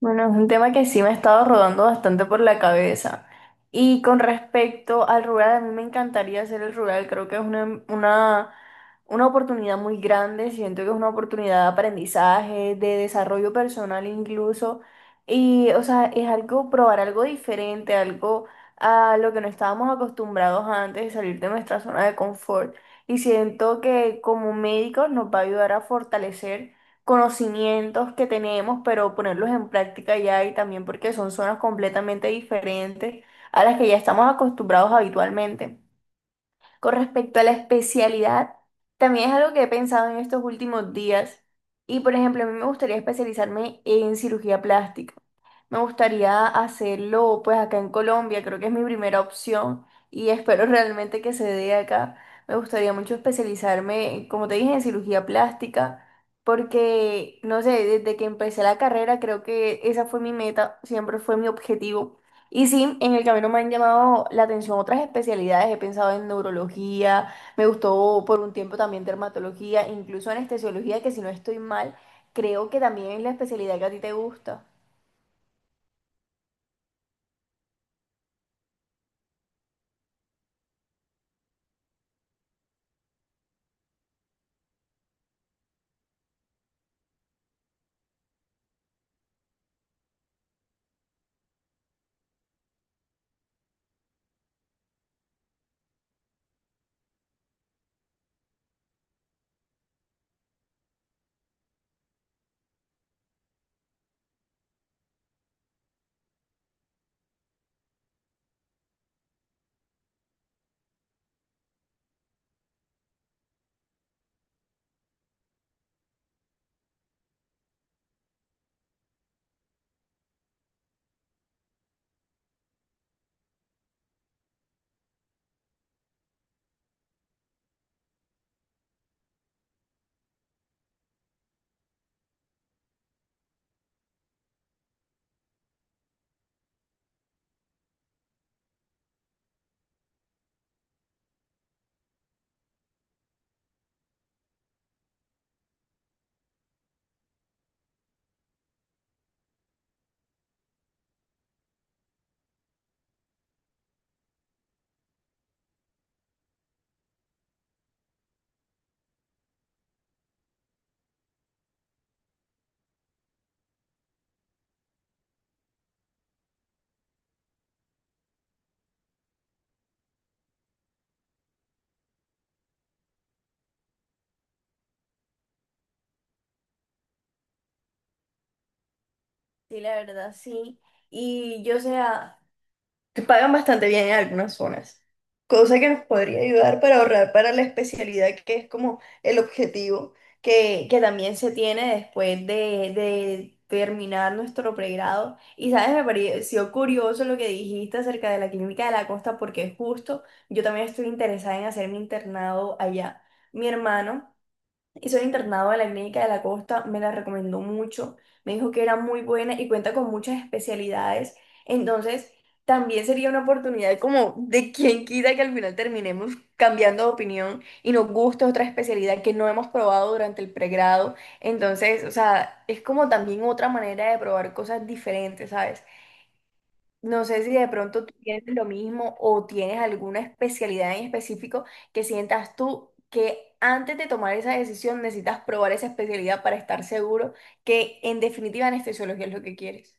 Bueno, es un tema que sí me ha estado rodando bastante por la cabeza. Y con respecto al rural, a mí me encantaría hacer el rural. Creo que es una oportunidad muy grande. Siento que es una oportunidad de aprendizaje, de desarrollo personal incluso. Y, o sea, es algo, probar algo diferente, algo a lo que no estábamos acostumbrados antes, salir de nuestra zona de confort. Y siento que como médicos nos va a ayudar a fortalecer conocimientos que tenemos, pero ponerlos en práctica ya y también porque son zonas completamente diferentes a las que ya estamos acostumbrados habitualmente. Con respecto a la especialidad, también es algo que he pensado en estos últimos días y, por ejemplo, a mí me gustaría especializarme en cirugía plástica. Me gustaría hacerlo pues acá en Colombia, creo que es mi primera opción y espero realmente que se dé acá. Me gustaría mucho especializarme, como te dije, en cirugía plástica, porque no sé, desde que empecé la carrera creo que esa fue mi meta, siempre fue mi objetivo. Y sí, en el camino me han llamado la atención otras especialidades, he pensado en neurología, me gustó por un tiempo también dermatología, incluso anestesiología, que si no estoy mal, creo que también es la especialidad que a ti te gusta. Sí, la verdad, sí. Y yo, o sea, que pagan bastante bien en algunas zonas, cosa que nos podría ayudar para ahorrar para la especialidad, que es como el objetivo que también se tiene después de terminar nuestro pregrado. Y, ¿sabes? Me pareció curioso lo que dijiste acerca de la clínica de la costa, porque justo yo también estoy interesada en hacer mi internado allá. Mi hermano y soy internado de la Clínica de la Costa, me la recomendó mucho, me dijo que era muy buena y cuenta con muchas especialidades, entonces también sería una oportunidad como de quien quita que al final terminemos cambiando de opinión y nos guste otra especialidad que no hemos probado durante el pregrado, entonces, o sea, es como también otra manera de probar cosas diferentes, ¿sabes? No sé si de pronto tú tienes lo mismo o tienes alguna especialidad en específico que sientas tú que antes de tomar esa decisión necesitas probar esa especialidad para estar seguro que en definitiva anestesiología es lo que quieres.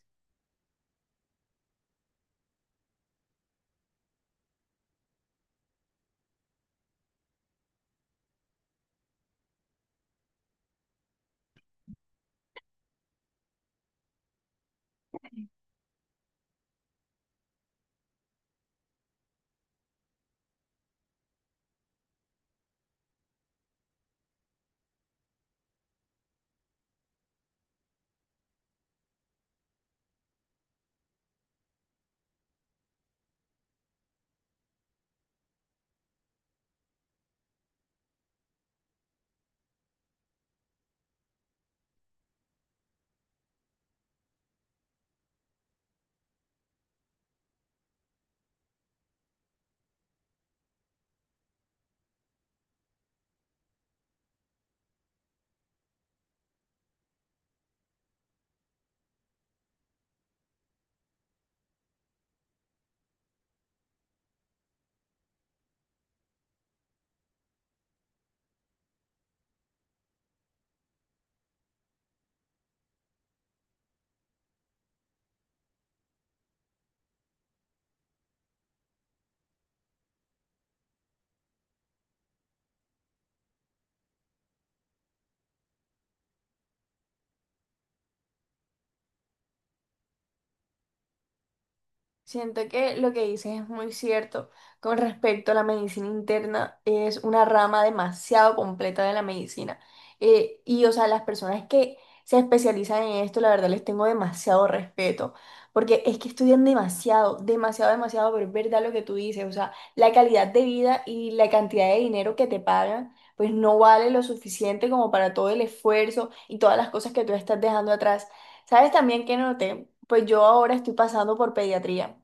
Siento que lo que dices es muy cierto con respecto a la medicina interna, es una rama demasiado completa de la medicina. Y, o sea, las personas que se especializan en esto, la verdad les tengo demasiado respeto, porque es que estudian demasiado, demasiado, demasiado, pero es verdad lo que tú dices, o sea, la calidad de vida y la cantidad de dinero que te pagan, pues no vale lo suficiente como para todo el esfuerzo y todas las cosas que tú estás dejando atrás. ¿Sabes también que noté? Pues yo ahora estoy pasando por pediatría.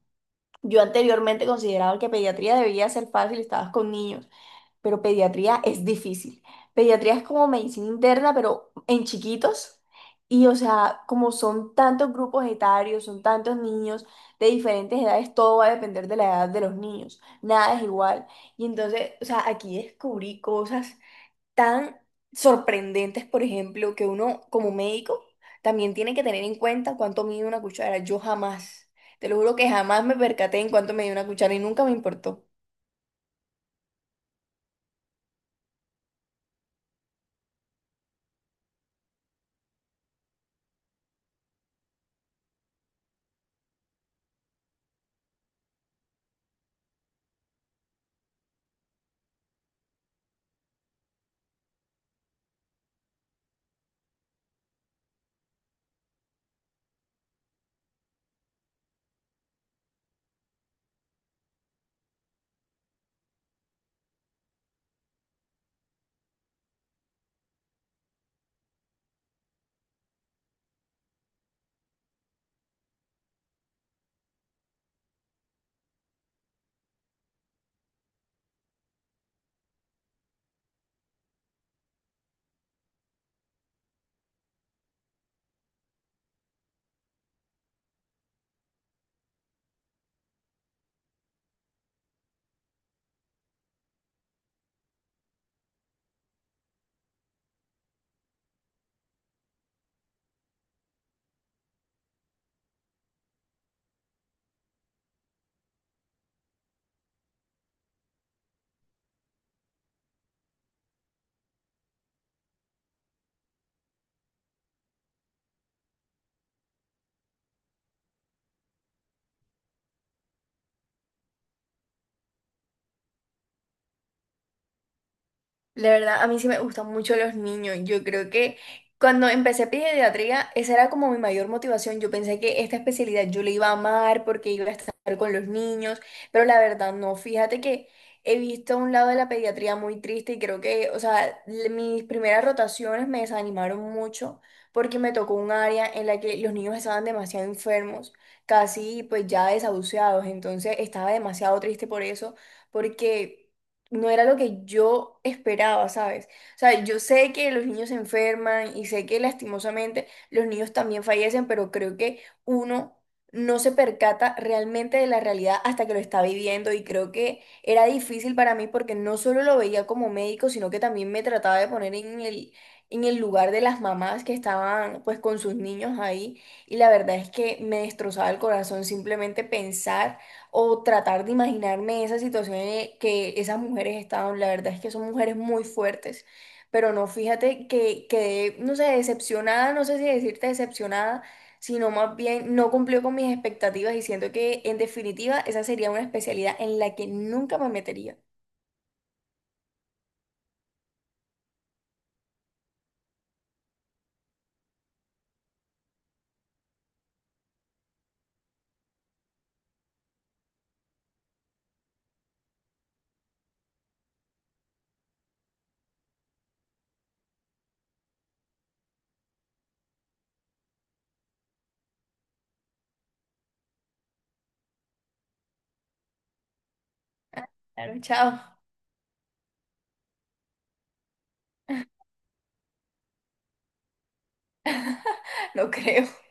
Yo anteriormente consideraba que pediatría debía ser fácil, estabas con niños, pero pediatría es difícil. Pediatría es como medicina interna, pero en chiquitos. Y o sea, como son tantos grupos etarios, son tantos niños de diferentes edades, todo va a depender de la edad de los niños. Nada es igual. Y entonces, o sea, aquí descubrí cosas tan sorprendentes, por ejemplo, que uno como médico también tiene que tener en cuenta cuánto mide una cuchara. Yo jamás, te lo juro que jamás me percaté en cuánto medía una cuchara y nunca me importó. La verdad, a mí sí me gustan mucho los niños. Yo creo que cuando empecé pediatría, esa era como mi mayor motivación. Yo pensé que esta especialidad yo la iba a amar porque iba a estar con los niños, pero la verdad no. Fíjate que he visto un lado de la pediatría muy triste y creo que, o sea, mis primeras rotaciones me desanimaron mucho porque me tocó un área en la que los niños estaban demasiado enfermos, casi pues ya desahuciados. Entonces estaba demasiado triste por eso, porque no era lo que yo esperaba, ¿sabes? O sea, yo sé que los niños se enferman y sé que lastimosamente los niños también fallecen, pero creo que uno no se percata realmente de la realidad hasta que lo está viviendo y creo que era difícil para mí porque no solo lo veía como médico, sino que también me trataba de poner en el lugar de las mamás que estaban pues con sus niños ahí y la verdad es que me destrozaba el corazón simplemente pensar o tratar de imaginarme esa situación en que esas mujeres estaban. La verdad es que son mujeres muy fuertes, pero no, fíjate que quedé, no sé, decepcionada, no sé si decirte decepcionada, sino más bien no cumplió con mis expectativas y siento que en definitiva esa sería una especialidad en la que nunca me metería. Claro, chao, no creo.